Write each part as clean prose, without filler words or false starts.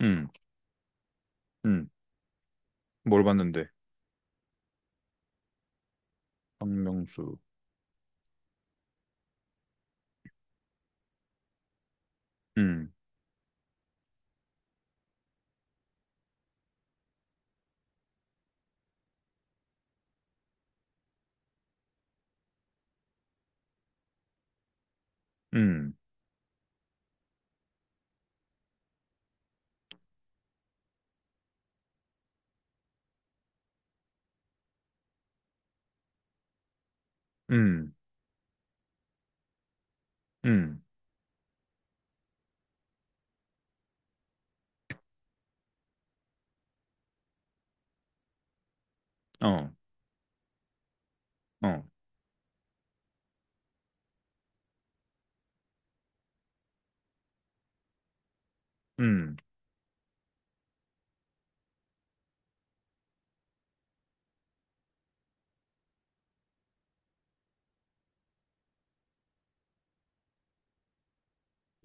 음, 음, 뭘 봤는데? 박명수. 음, 음, 음, 음, 어, 어, 음,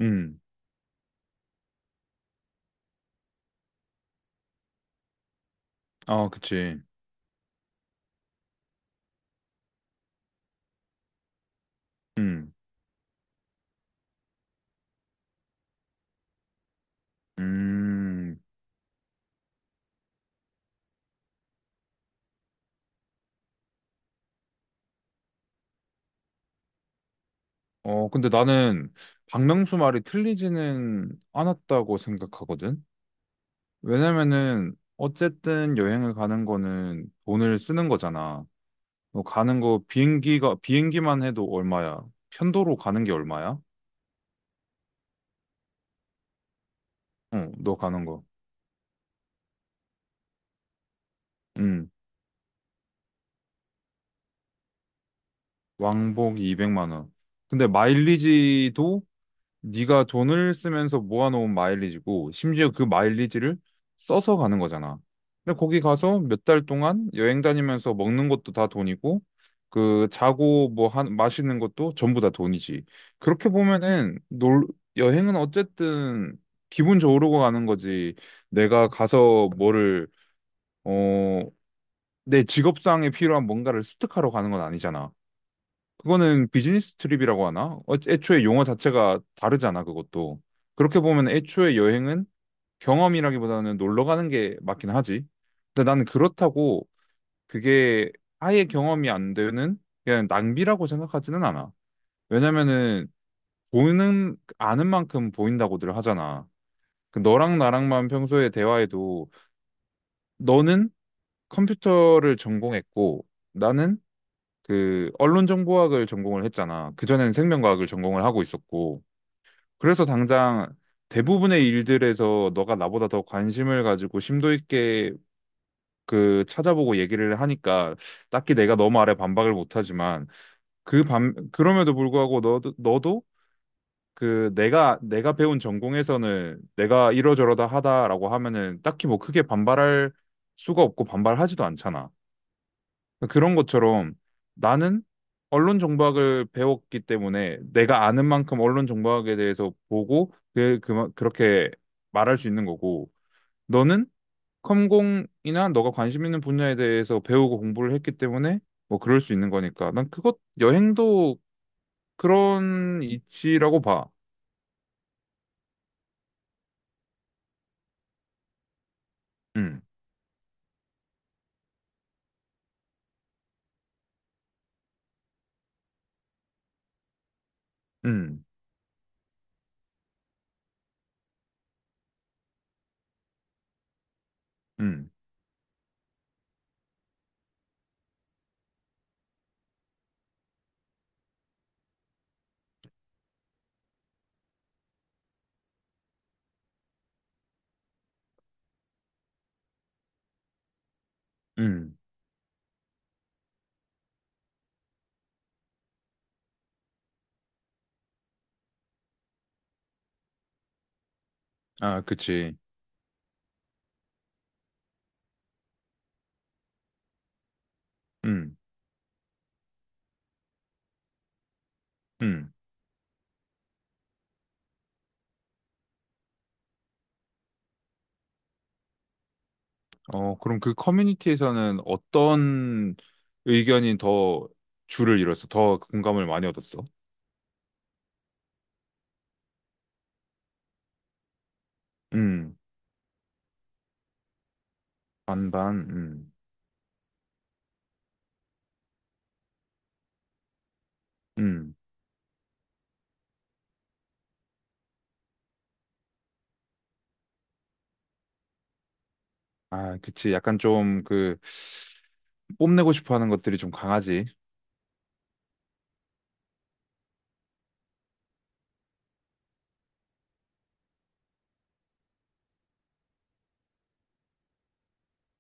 음, 아, 그치. 음, 음, 어, 근데 나는 박명수 말이 틀리지는 않았다고 생각하거든? 왜냐면은, 어쨌든 여행을 가는 거는 돈을 쓰는 거잖아. 너 가는 거 비행기만 해도 얼마야? 편도로 가는 게 얼마야? 어, 너 가는 거. 음. 왕복이 200만 원. 근데 마일리지도 네가 돈을 쓰면서 모아놓은 마일리지고 심지어 그 마일리지를 써서 가는 거잖아. 근데 거기 가서 몇 달 동안 여행 다니면서 먹는 것도 다 돈이고 그 자고 마시는 것도 전부 다 돈이지. 그렇게 보면은 놀, 여행은 어쨌든 기분 좋으려고 가는 거지. 내가 가서 뭐를 어, 내 직업상에 필요한 뭔가를 습득하러 가는 건 아니잖아. 그거는 비즈니스 트립이라고 하나? 어, 애초에 용어 자체가 다르잖아, 그것도. 그렇게 보면 애초에 여행은 경험이라기보다는 놀러 가는 게 맞긴 하지. 근데 나는 그렇다고 그게 아예 경험이 안 되는 그냥 낭비라고 생각하지는 않아. 왜냐면은 보는 아는 만큼 보인다고들 하잖아. 그 너랑 나랑만 평소에 대화해도 너는 컴퓨터를 전공했고 나는 그 언론정보학을 전공을 했잖아. 그전에는 생명과학을 전공을 하고 있었고. 그래서 당장 대부분의 일들에서 너가 나보다 더 관심을 가지고 심도 있게 그 찾아보고 얘기를 하니까 딱히 내가 너 말에 반박을 못하지만 그럼에도 불구하고 너도 그 내가 배운 전공에서는 내가 이러저러다 하다라고 하면은 딱히 뭐 크게 반발할 수가 없고 반발하지도 않잖아. 그런 것처럼 나는 언론 정보학을 배웠기 때문에 내가 아는 만큼 언론 정보학에 대해서 보고 그렇게 말할 수 있는 거고 너는 컴공이나 너가 관심 있는 분야에 대해서 배우고 공부를 했기 때문에 뭐 그럴 수 있는 거니까 난 그것 여행도 그런 이치라고 봐. 음, 음, 음, 음. 아, 그치. 음, 음. 어, 그럼 그 커뮤니티에서는 어떤 의견이 더 줄을 이뤘어? 더 공감을 많이 얻었어? 음, 반반, 음. 아, 그치. 약간 좀 그, 뽐내고 싶어 하는 것들이 좀 강하지.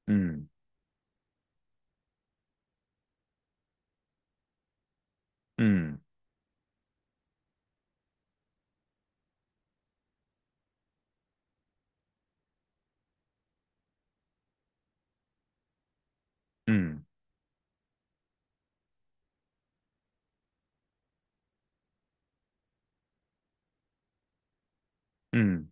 음, 음, 음, 음,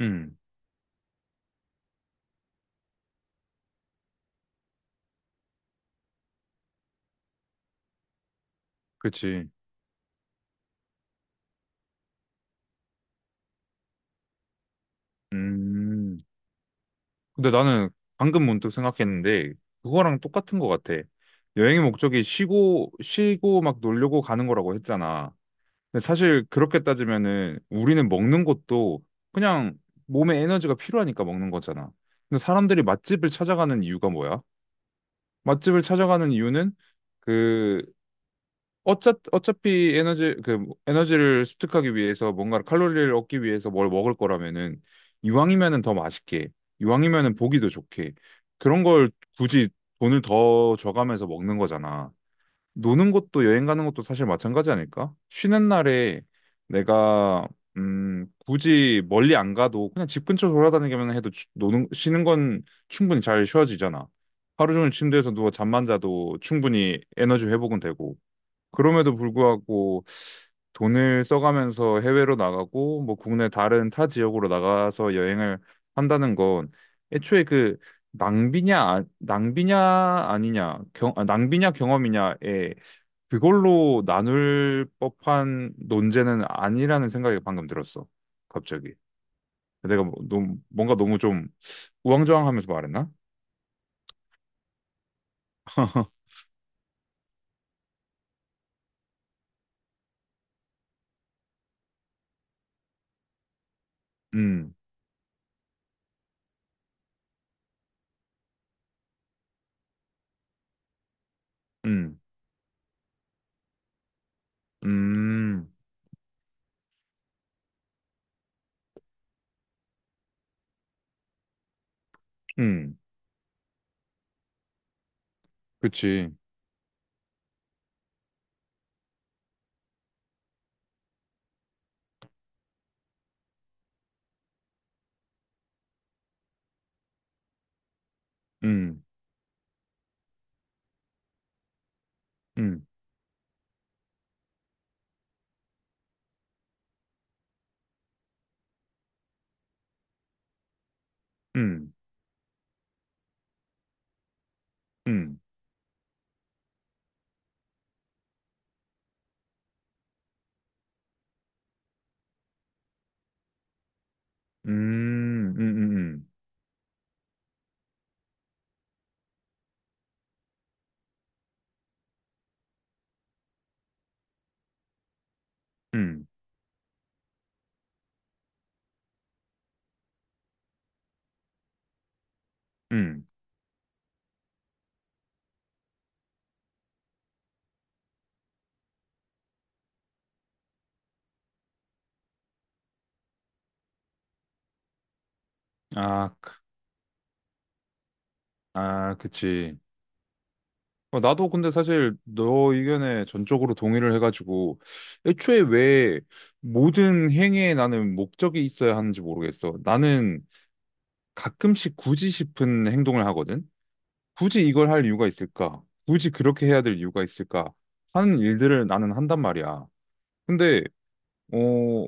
음. 그치. 음. 근데 나는 방금 문득 생각했는데, 그거랑 똑같은 것 같아. 여행의 목적이 쉬고 막 놀려고 가는 거라고 했잖아. 근데 사실 그렇게 따지면은 우리는 먹는 것도 그냥 몸에 에너지가 필요하니까 먹는 거잖아. 근데 사람들이 맛집을 찾아가는 이유가 뭐야? 맛집을 찾아가는 이유는 그 어차피 에너지를 습득하기 위해서 뭔가 칼로리를 얻기 위해서 뭘 먹을 거라면은 이왕이면은 더 맛있게, 이왕이면은 보기도 좋게 그런 걸 굳이 돈을 더 줘가면서 먹는 거잖아. 노는 것도 여행 가는 것도 사실 마찬가지 아닐까? 쉬는 날에 내가 굳이 멀리 안 가도 그냥 집 근처 돌아다니기만 해도 노는 쉬는 건 충분히 잘 쉬어지잖아. 하루 종일 침대에서 누워 잠만 자도 충분히 에너지 회복은 되고. 그럼에도 불구하고 돈을 써가면서 해외로 나가고 뭐 국내 다른 타 지역으로 나가서 여행을 한다는 건 애초에 그 낭비냐 아니냐, 경, 아, 낭비냐 경험이냐에 그걸로 나눌 법한 논제는 아니라는 생각이 방금 들었어. 갑자기. 내가 뭐, 너무, 뭔가 너무 좀 우왕좌왕하면서 말했나? 음, 음, 음, 음, 그치. 음, 음, 음, 음, 음, 음, 음, 음, 음, 음. 아, 그- 아, 그치. 어, 나도 근데 사실 너 의견에 전적으로 동의를 해가지고 애초에 왜 모든 행위에 나는 목적이 있어야 하는지 모르겠어. 나는 가끔씩 굳이 싶은 행동을 하거든. 굳이 이걸 할 이유가 있을까? 굳이 그렇게 해야 될 이유가 있을까? 하는 일들을 나는 한단 말이야. 근데 어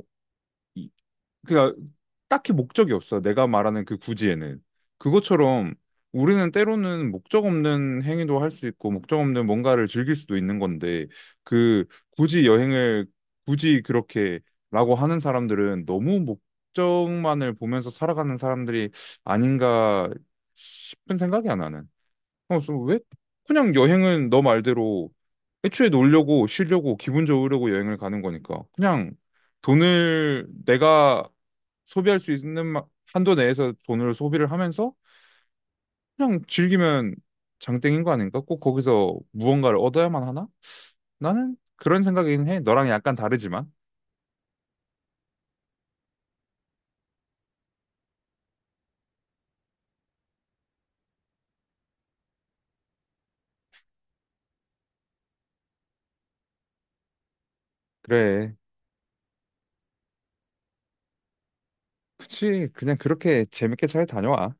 그러니까 딱히 목적이 없어. 내가 말하는 그 구지에는. 그것처럼 우리는 때로는 목적 없는 행위도 할 수 있고, 목적 없는 뭔가를 즐길 수도 있는 건데, 그 굳이 여행을 굳이 그렇게 라고 하는 사람들은 너무 목적만을 보면서 살아가는 사람들이 아닌가 싶은 생각이야, 나는. 어, 그래서 왜 그냥 여행은 너 말대로 애초에 놀려고 쉬려고 기분 좋으려고 여행을 가는 거니까 그냥 돈을 내가 소비할 수 있는 한도 내에서 돈을 소비를 하면서 그냥 즐기면 장땡인 거 아닌가? 꼭 거기서 무언가를 얻어야만 하나? 나는 그런 생각이긴 해. 너랑 약간 다르지만. 그래. 그치. 그냥 그렇게 재밌게 잘 다녀와.